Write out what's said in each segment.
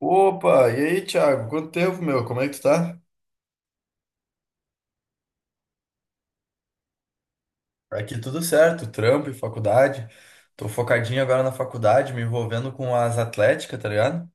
Opa, e aí, Thiago? Quanto tempo, meu? Como é que tu tá? Aqui tudo certo, trampo e faculdade. Tô focadinho agora na faculdade, me envolvendo com as atléticas, tá ligado?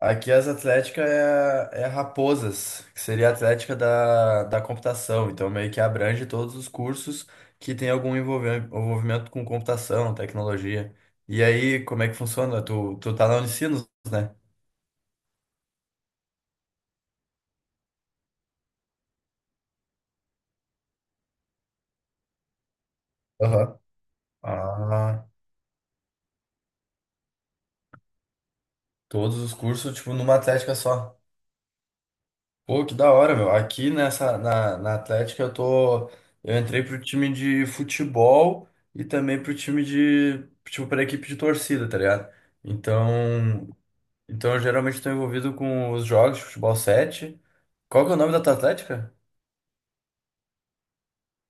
Aqui as atléticas é Raposas, que seria a atlética da computação. Então meio que abrange todos os cursos que tem algum envolvimento com computação, tecnologia. E aí, como é que funciona? Tu tá na Unicinos, né? Aham. Ah, todos os cursos, tipo, numa atlética só. Pô, que da hora, meu. Aqui nessa, na Atlética eu tô. Eu entrei pro time de futebol e também pro time de. Tipo, pra equipe de torcida, tá ligado? Então. Então eu geralmente tô envolvido com os jogos de futebol 7. Qual que é o nome da tua Atlética?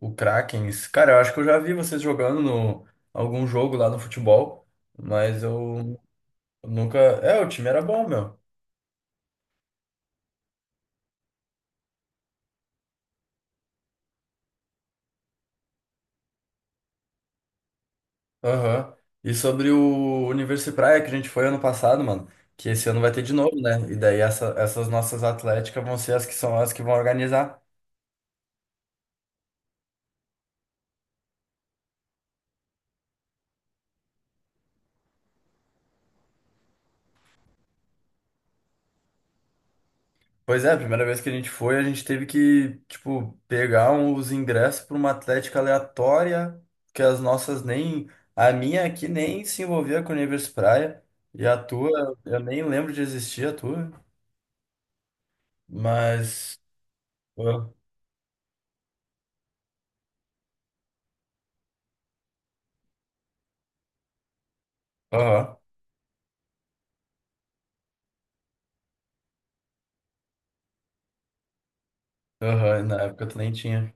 O Kraken. Cara, eu acho que eu já vi vocês jogando no algum jogo lá no futebol, mas eu nunca. É, o time era bom, meu. Aham. E sobre o Universo Praia que a gente foi ano passado, mano, que esse ano vai ter de novo, né? E daí essas nossas atléticas vão ser as que são as que vão organizar. Pois é, a primeira vez que a gente foi, a gente teve que, tipo, pegar os ingressos para uma atlética aleatória, que as nossas nem. A minha aqui nem se envolvia com o Universo Praia, e a tua, eu nem lembro de existir a tua, mas. ah, Aham, aham, na época tu nem tinha.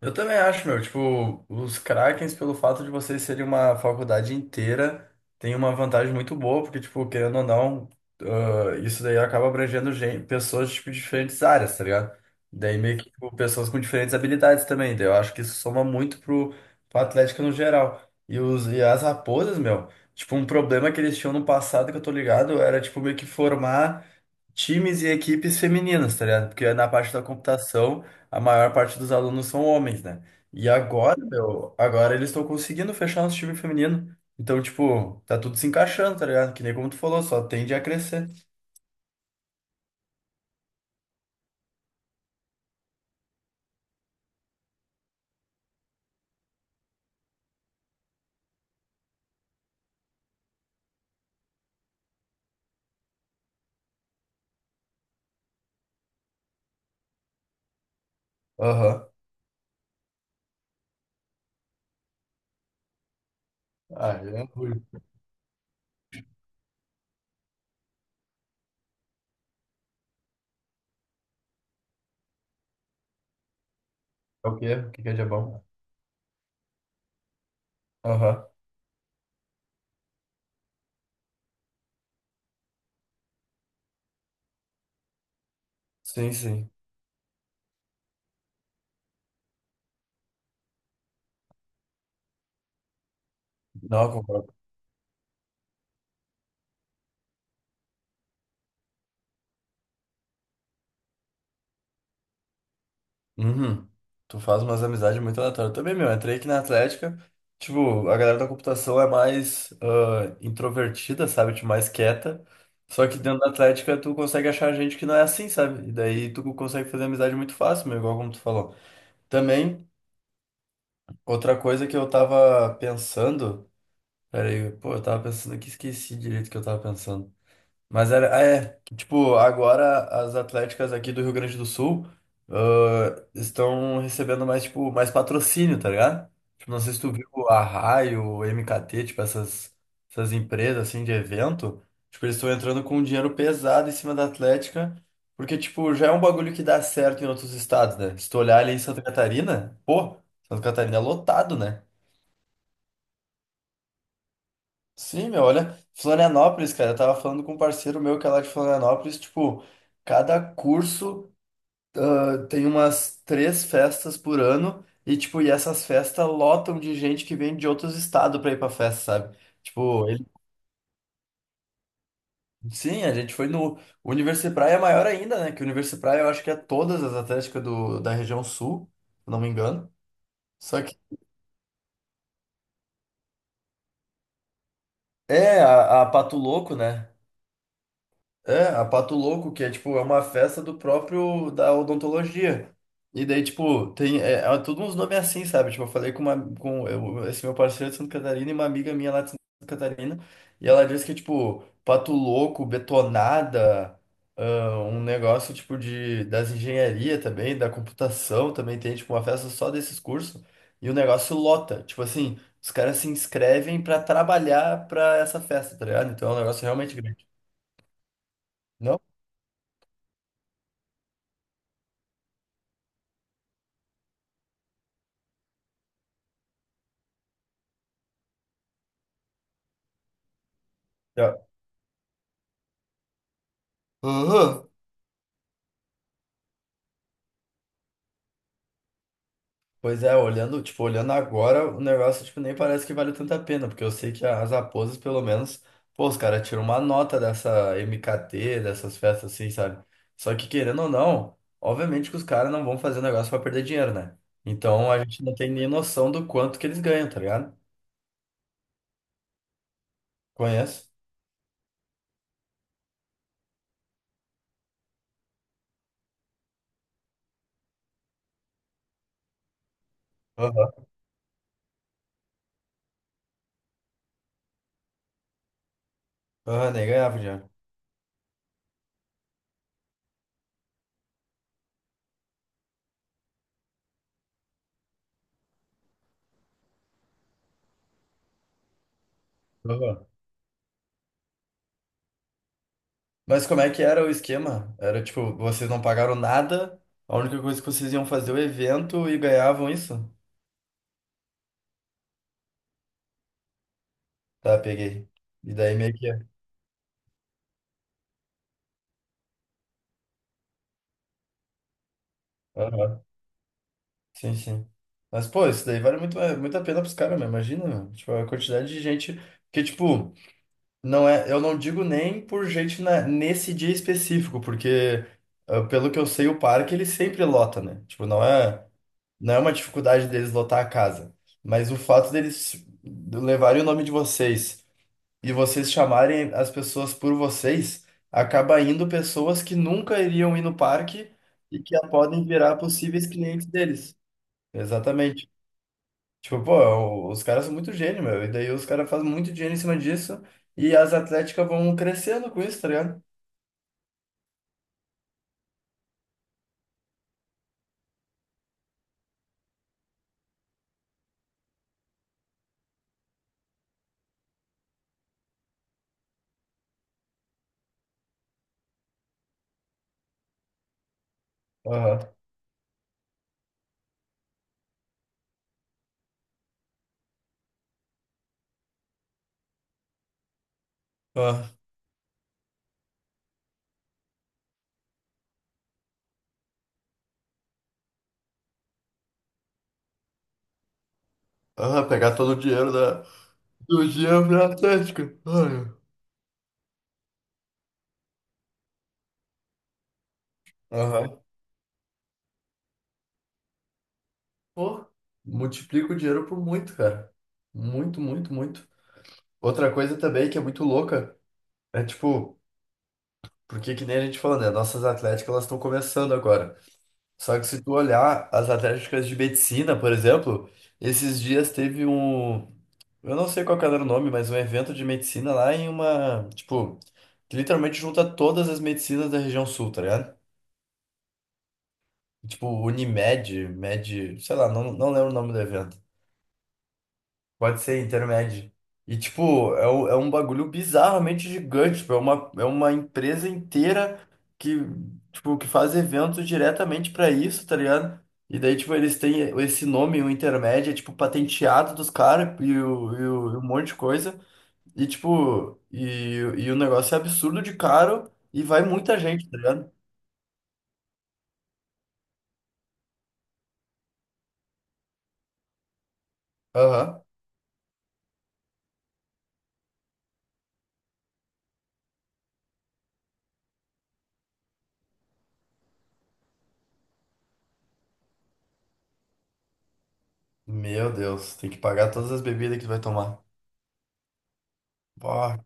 Eu também acho, meu, tipo, os Krakens, pelo fato de vocês serem uma faculdade inteira, tem uma vantagem muito boa, porque, tipo, querendo ou não, isso daí acaba abrangendo pessoas, tipo, de diferentes áreas, tá ligado? Daí meio que, tipo, pessoas com diferentes habilidades também, daí eu acho que isso soma muito pro, pro Atlético no geral. E as raposas, meu, tipo, um problema que eles tinham no passado, que eu tô ligado, era, tipo, meio que formar times e equipes femininas, tá ligado? Porque na parte da computação, a maior parte dos alunos são homens, né? E agora, meu, agora eles estão conseguindo fechar nosso time feminino. Então, tipo, tá tudo se encaixando, tá ligado? Que nem como tu falou, só tende a crescer. Aham. Ah, é ruim. É o quê? O que que é de bom? Aham. Sim, sim. Não, eu concordo. Uhum. Tu faz umas amizades muito aleatórias. Também, meu, entrei aqui na Atlética. Tipo, a galera da computação é mais introvertida, sabe? Tipo, mais quieta. Só que dentro da Atlética tu consegue achar gente que não é assim, sabe? E daí tu consegue fazer amizade muito fácil, meu, igual como tu falou. Também, outra coisa que eu tava pensando. Pera aí, pô, eu tava pensando aqui, esqueci direito o que eu tava pensando. Mas é, que, tipo, agora as atléticas aqui do Rio Grande do Sul, estão recebendo mais, tipo, mais patrocínio, tá ligado? Tipo, não sei se tu viu a Raio, MKT, tipo, essas empresas, assim, de evento, tipo, eles estão entrando com um dinheiro pesado em cima da Atlética, porque, tipo, já é um bagulho que dá certo em outros estados, né? Se tu olhar ali em Santa Catarina, pô, Santa Catarina é lotado, né? Sim, meu, olha, Florianópolis, cara, eu tava falando com um parceiro meu que é lá de Florianópolis, tipo, cada curso tem umas 3 festas por ano e, tipo, e essas festas lotam de gente que vem de outros estados pra ir pra festa, sabe? Tipo, sim, a gente foi no. O Universipraia é maior ainda, né? Que o Universipraia eu acho que é todas as atléticas do, da região sul, se eu não me engano. Só que é a Pato Louco, né? É, a Pato Louco, que é tipo, é uma festa do próprio da odontologia. E daí, tipo, tem é tudo uns nomes assim, sabe? Tipo, eu falei com esse meu parceiro de Santa Catarina e uma amiga minha lá de Santa Catarina, e ela disse que tipo, Pato Louco, Betonada, um negócio tipo de das engenharia também, da computação também tem tipo uma festa só desses cursos, e o negócio lota. Tipo assim, os caras se inscrevem pra trabalhar pra essa festa, tá ligado? Então é um negócio realmente grande. Não? Aham. Pois é, olhando, tipo, olhando agora, o negócio, tipo, nem parece que vale tanta pena, porque eu sei que as raposas, pelo menos, pô, os caras tiram uma nota dessa MKT, dessas festas assim, sabe? Só que querendo ou não, obviamente que os caras não vão fazer um negócio pra perder dinheiro, né? Então a gente não tem nem noção do quanto que eles ganham, tá ligado? Conheço? Aham. Aham, nem ganhava dinheiro. Aham. Mas como é que era o esquema? Era tipo, vocês não pagaram nada, a única coisa que vocês iam fazer é o evento e ganhavam isso? Tá, peguei. E daí meio que. Aham, sim, sim. Mas, pô, isso daí vale muito, é, muito a pena pros caras, meu. Imagina, meu. Tipo, a quantidade de gente que, tipo, não é. Eu não digo nem por gente na, nesse dia específico, porque, pelo que eu sei, o parque ele sempre lota, né? Tipo, não é, não é uma dificuldade deles lotar a casa. Mas o fato deles levarem o nome de vocês. E vocês chamarem as pessoas por vocês, acaba indo pessoas que nunca iriam ir no parque e que podem virar possíveis clientes deles. Exatamente. Tipo, pô, os caras são muito gênio, meu. E daí os caras fazem muito dinheiro em cima disso e as atléticas vão crescendo com isso, tá ligado? Aham. Aham, Aham, pegar todo o dinheiro do dinheiro pra Atlética. Ai. Aham. Pô, multiplica o dinheiro por muito, cara. Muito, muito, muito. Outra coisa também que é muito louca é tipo, porque que nem a gente falou, né? Nossas atléticas elas estão começando agora. Só que se tu olhar as atléticas de medicina, por exemplo, esses dias teve um, eu não sei qual que era o nome, mas um evento de medicina lá em uma, tipo, que literalmente junta todas as medicinas da região sul, tá ligado? Tipo, Unimed, Med, sei lá, não, não lembro o nome do evento. Pode ser intermédio. E, tipo, é, é um bagulho bizarramente gigante. Tipo, é uma empresa inteira que, tipo, que faz eventos diretamente pra isso, tá ligado? E daí, tipo, eles têm esse nome, o intermédio, é, tipo, patenteado dos caras e um monte de coisa. E, tipo, e o negócio é absurdo de caro e vai muita gente, tá ligado? Aham. Meu Deus, tem que pagar todas as bebidas que tu vai tomar. Ó,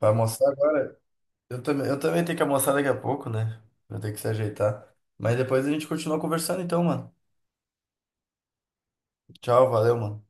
vai almoçar agora? Eu também tenho que almoçar daqui a pouco, né? Vou ter que se ajeitar. Mas depois a gente continua conversando então, mano. Tchau, valeu, mano.